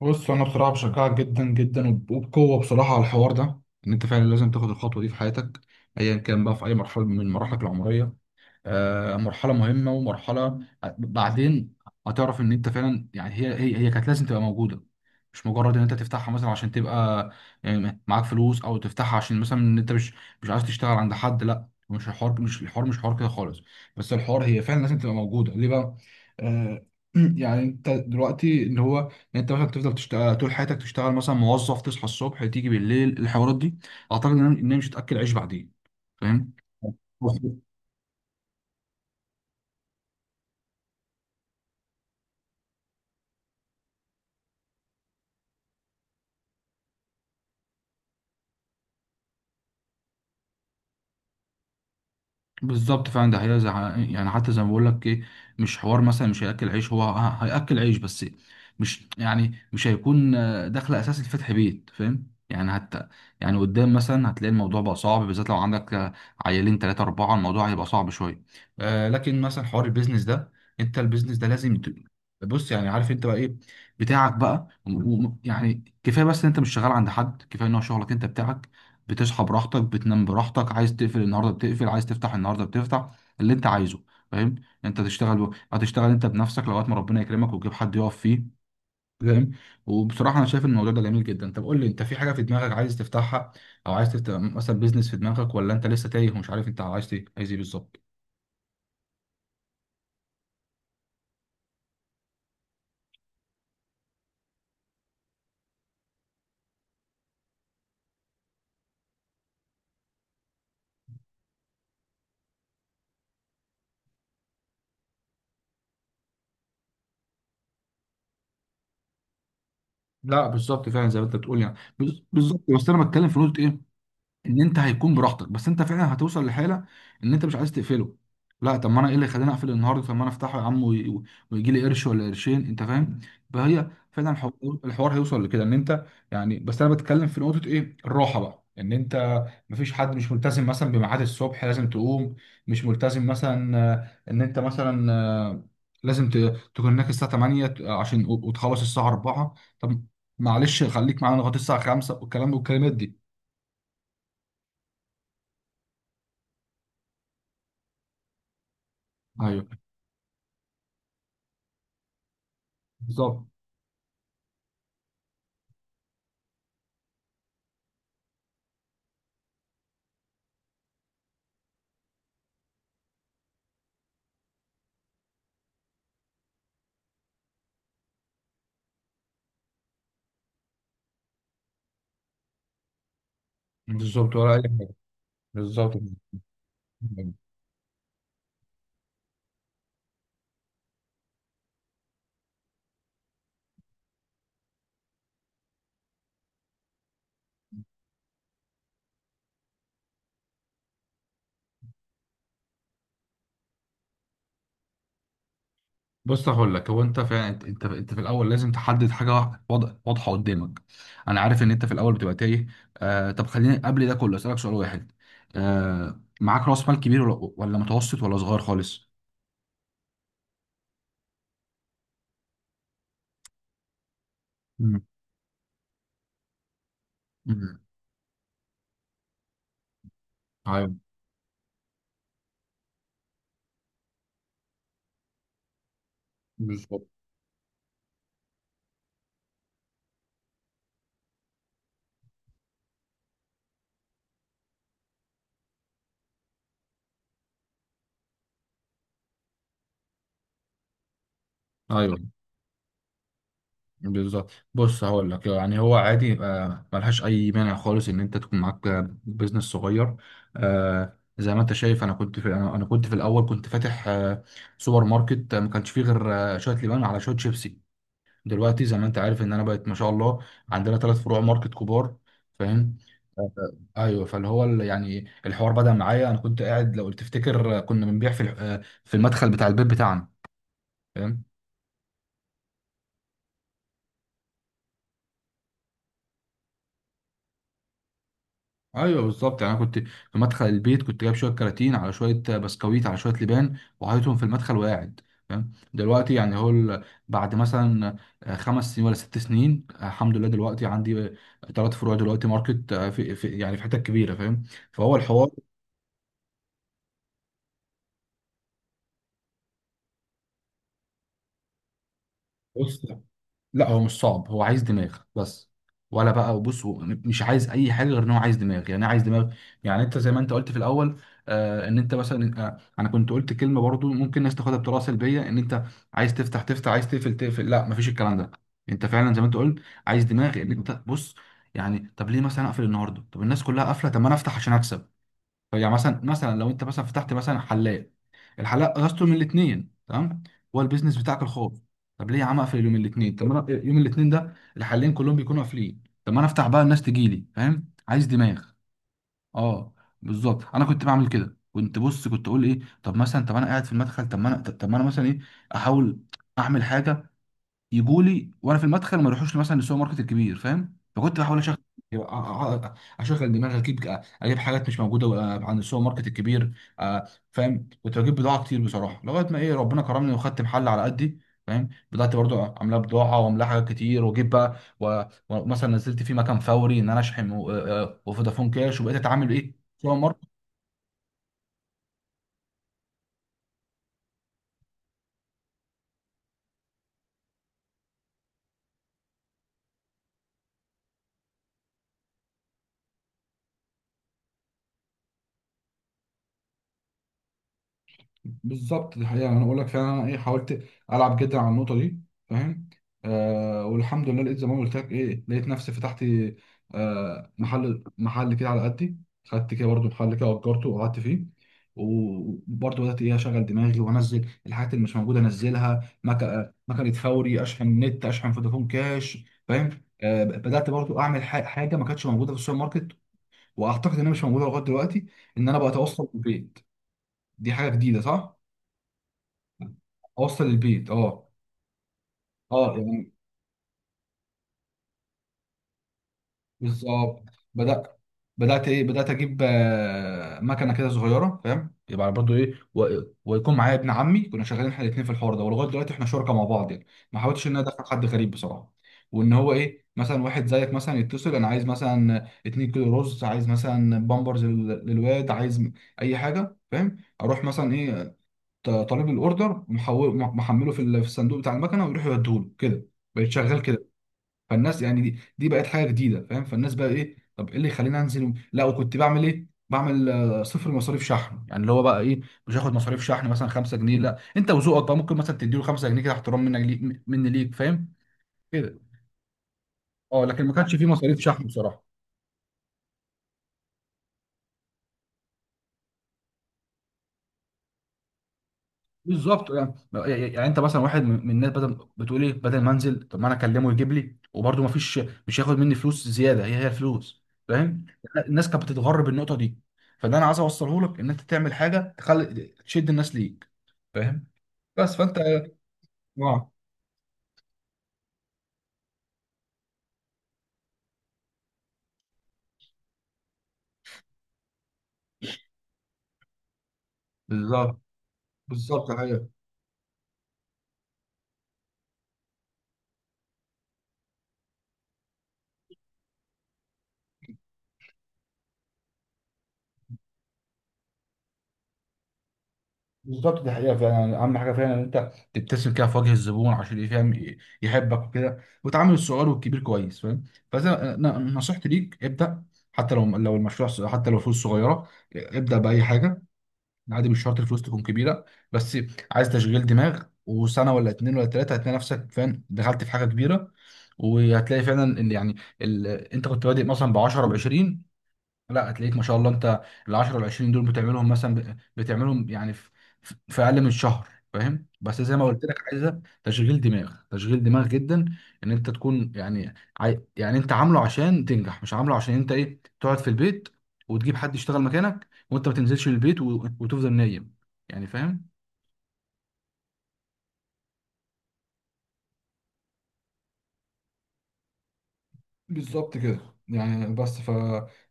بص انا بصراحه بشجعك جدا جدا وبقوه بصراحه على الحوار ده. ان انت فعلا لازم تاخد الخطوه دي في حياتك، ايا كان بقى في اي مرحله من مراحلك العمريه. مرحله مهمه ومرحله بعدين هتعرف ان انت فعلا يعني هي كانت لازم تبقى موجوده. مش مجرد ان انت تفتحها مثلا عشان تبقى يعني معاك فلوس، او تفتحها عشان مثلا ان انت مش عايز تشتغل عند حد. لا، مش الحوار مش حوار كده خالص. بس الحوار هي فعلا لازم تبقى موجوده ليه بقى؟ آه يعني انت دلوقتي اللي هو ان انت مثلا تفضل تشتغل طول حياتك، تشتغل مثلا موظف، تصحى الصبح تيجي بالليل، الحوارات دي اعتقد ان هي إن هي مش هتاكل عيش بعدين. فاهم. بالظبط، فعلا ده هي يعني حتى زي ما بقول لك ايه، مش حوار مثلا مش هياكل عيش، هو هياكل عيش بس. مش يعني مش هيكون دخل اساسي لفتح بيت. فاهم يعني؟ حتى يعني قدام مثلا هتلاقي الموضوع بقى صعب، بالذات لو عندك عيالين ثلاثة أربعة، الموضوع هيبقى صعب شوية. آه لكن مثلا حوار البيزنس ده، انت البيزنس ده لازم بص يعني عارف انت بقى ايه بتاعك بقى يعني كفايه بس ان انت مش شغال عند حد، كفايه ان هو شغلك انت بتاعك. بتصحى براحتك، بتنام براحتك، عايز تقفل النهارده بتقفل، عايز تفتح النهارده بتفتح اللي انت عايزه. فاهم. انت تشتغل هتشتغل انت بنفسك لغايه ما ربنا يكرمك وتجيب حد يقف فيه. فاهم. وبصراحه انا شايف الموضوع ده جميل جدا. طب قول لي، انت في حاجه في دماغك عايز تفتحها، او عايز تفتح مثلا بيزنس في دماغك، ولا انت لسه تايه ومش عارف انت عايز ايه، عايز ايه بالظبط؟ لا بالظبط، فعلا زي ما انت بتقول يعني بالظبط. بس انا بتكلم في نقطه ايه، ان انت هيكون براحتك، بس انت فعلا هتوصل لحاله ان انت مش عايز تقفله. لا، طب ما انا ايه اللي خلاني اقفل النهارده؟ طب ما انا افتحه يا عم ويجي لي قرش ولا قرشين، انت فاهم. فهي فعلا الحوار هيوصل لكده ان انت يعني. بس انا بتكلم في نقطه ايه، الراحه بقى ان انت مفيش حد، مش ملتزم مثلا بميعاد الصبح لازم تقوم، مش ملتزم مثلا ان انت مثلا لازم تكون هناك الساعه 8، عشان وتخلص الساعه 4. طب معلش، خليك معانا لغايه الساعه 5، والكلام والكلمات دي. ايوه، بالظبط. بالظبط، ولا اي حاجه. بالظبط، بص هقول لك، هو انت فعلا انت في الاول لازم تحدد حاجه واضحه قدامك. انا عارف ان انت في الاول بتبقى تايه. آه طب خليني قبل ده كله اسالك سؤال واحد. آه معاك راس مال كبير ولا متوسط، ولا صغير خالص؟ امم ايوه. بالظبط. ايوه. بالظبط، بص هقول لك، يعني هو عادي يبقى ملهاش اي مانع خالص ان انت تكون معاك بيزنس صغير. آه زي ما انت شايف، انا كنت في انا أنا كنت في الاول كنت فاتح آه سوبر ماركت. ما كانش فيه غير آه شويه لبان على شويه شيبسي. دلوقتي زي ما انت عارف ان انا بقيت ما شاء الله عندنا ثلاث فروع ماركت كبار. فاهم. آه، ايوه. فاللي هو يعني الحوار بدأ معايا انا كنت قاعد، لو تفتكر كنا بنبيع في في المدخل بتاع البيت بتاعنا. فاهم؟ ايوه بالظبط. يعني انا كنت في مدخل البيت، كنت جايب شويه كراتين على شويه بسكويت على شويه لبان، وحاططهم في المدخل وقاعد. فاهم. دلوقتي يعني هو بعد مثلا خمس سنين ولا ست سنين، الحمد لله دلوقتي عندي ثلاث فروع دلوقتي ماركت، في يعني في حتت كبيره. فاهم. فهو الحوار. بص، لا هو مش صعب، هو عايز دماغ بس. ولا بقى، بص هو مش عايز اي حاجه غير ان هو عايز دماغ. يعني إيه عايز دماغ؟ يعني انت زي ما انت قلت في الاول، آه ان انت مثلا، آه انا كنت قلت كلمه برضو ممكن الناس تاخدها بطريقه سلبيه ان انت عايز تفتح تفتح، عايز تقفل تقفل. لا، مفيش الكلام ده. انت فعلا زي ما انت قلت عايز دماغ. ان انت بص، يعني طب ليه مثلا اقفل النهارده؟ طب الناس كلها قافله، طب ما انا افتح عشان اكسب. يعني مثلا، مثلا لو انت مثلا فتحت مثلا حلاق، الحلاق اجازته من الاثنين تمام. هو البيزنس بتاعك الخاص. طب ليه يا عم اقفل يوم الاثنين؟ طب ما انا يوم الاثنين ده الحلاقين كلهم بيكونوا قافلين، طب ما انا افتح بقى الناس تجي لي. فاهم. عايز دماغ. اه بالظبط، انا كنت بعمل كده. كنت بص، كنت اقول ايه، طب مثلا، طب انا قاعد في المدخل، طب ما انا مثلا ايه، احاول اعمل حاجه يجوا لي وانا في المدخل ما يروحوش مثلا للسوبر ماركت الكبير. فاهم. فكنت بحاول اشغل أ- أ- اشغل دماغي، اجيب حاجات مش موجوده عند السوبر ماركت الكبير. فاهم. كنت بجيب بضاعه كتير بصراحه لغايه ما ايه ربنا كرمني وخدت محل على قدي. فاهم. بدات برضو عاملاه بضاعه وعاملاه حاجات كتير واجيب بقى ومثلا نزلت في مكان فوري ان انا اشحن وفودافون كاش وبقيت اتعامل ايه. سوبر. بالظبط. دي حقيقة، أنا أقول لك فعلا أنا إيه حاولت ألعب جدا على النقطة دي. فاهم. آه والحمد لله لقيت زي ما قلت لك إيه، لقيت نفسي فتحت آه محل كده على قدي. خدت كده برضو محل كده وأجرته وقعدت فيه، وبرضه بدأت إيه أشغل دماغي وأنزل الحاجات اللي مش موجودة، أنزلها مكنة فوري، أشحن نت، أشحن فودافون كاش. فاهم. آه بدأت برضو أعمل حاجة ما كانتش موجودة في السوبر ماركت، وأعتقد إنها مش موجودة لغاية دلوقتي. إن أنا بقى أتوصل بالبيت. دي حاجة جديدة، صح؟ اوصل البيت، اه. اه يعني. بالظبط. بدات بدات ايه، بدات اجيب مكنه كده صغيره. فاهم. يبقى برضو ايه ويكون معايا ابن عمي، كنا شغالين احنا الاثنين في الحوار ده، ولغايه دلوقتي احنا شركاء مع بعض يعني. ما حاولتش ان انا ادخل حد غريب بصراحه. وان هو ايه، مثلا واحد زيك مثلا يتصل، انا عايز مثلا 2 كيلو رز، عايز مثلا بامبرز للواد، عايز اي حاجه. فاهم. اروح مثلا ايه طالب الاوردر، محمله في في الصندوق بتاع المكنه، ويروح يوديهوله كده. بقيت شغال كده. فالناس يعني دي بقت حاجه جديده. فاهم. فالناس بقى ايه، طب ايه اللي يخليني انزل لا، وكنت بعمل ايه، بعمل صفر مصاريف شحن، يعني اللي هو بقى ايه، مش هاخد مصاريف شحن مثلا 5 جنيه. لا، انت وذوقك بقى ممكن مثلا تديله 5 جنيه كده، احترام منك ليك مني ليك. فاهم كده. اه لكن ما كانش فيه مصاريف شحن بصراحه. بالظبط يعني. يعني انت مثلا واحد من الناس، بدل بتقول ايه، بدل ما انزل طب ما انا اكلمه يجيب لي، وبرده ما فيش، مش هياخد مني فلوس زياده، هي الفلوس. فاهم. الناس كانت بتتغر بالنقطه دي. فده انا عايز اوصله لك، ان انت تعمل حاجه تخلي تشد الناس ليك. فاهم. بس فانت. اه بالظبط. بالظبط الحقيقة دي حقيقة فعلا. يعني أهم حاجة فعلا إن أنت تبتسم كده في وجه الزبون عشان يفهم يحبك وكده، وتعامل الصغير والكبير كويس. فاهم. فإذا نصيحتي ليك، ابدأ حتى لو لو المشروع حتى لو فلوس صغيرة، ابدأ بأي حاجة. عادي، مش شرط الفلوس تكون كبيرة، بس عايز تشغيل دماغ. وسنة ولا اتنين ولا تلاتة هتلاقي نفسك، فاهم، دخلت في حاجة كبيرة. وهتلاقي فعلا إن يعني أنت كنت بادئ مثلا ب 10، ب 20، لا هتلاقيك ما شاء الله انت ال 10 وال 20 دول بتعملهم مثلا بتعملهم يعني في اقل من شهر. فاهم. بس زي ما قلت لك عايزه تشغيل دماغ، تشغيل دماغ جدا، ان انت تكون يعني يعني انت عامله عشان تنجح، مش عامله عشان انت ايه تقعد في البيت وتجيب حد يشتغل مكانك، وانت ما تنزلش من البيت وتفضل نايم يعني. فاهم. بالظبط كده. يعني بس ف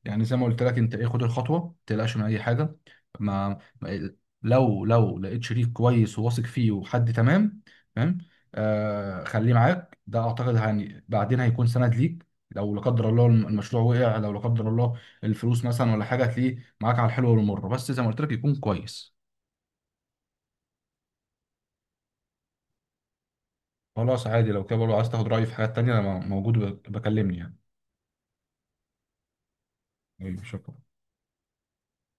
يعني زي ما قلت لك انت ايه، خد الخطوه، ما تقلقش من اي حاجه. ما ما- لو لو لقيت شريك كويس وواثق فيه وحد تمام. تمام. آه خليه معاك، ده اعتقد يعني بعدين هيكون سند ليك. لو لا قدر الله المشروع وقع، لو لا قدر الله الفلوس مثلا ولا حاجه، هتلاقيه معاك على الحلو والمر، بس زي ما قلت لك يكون كويس. خلاص عادي لو كده برضه عايز تاخد رايي في حاجات تانيه انا موجود بكلمني يعني. طيب، شكرا.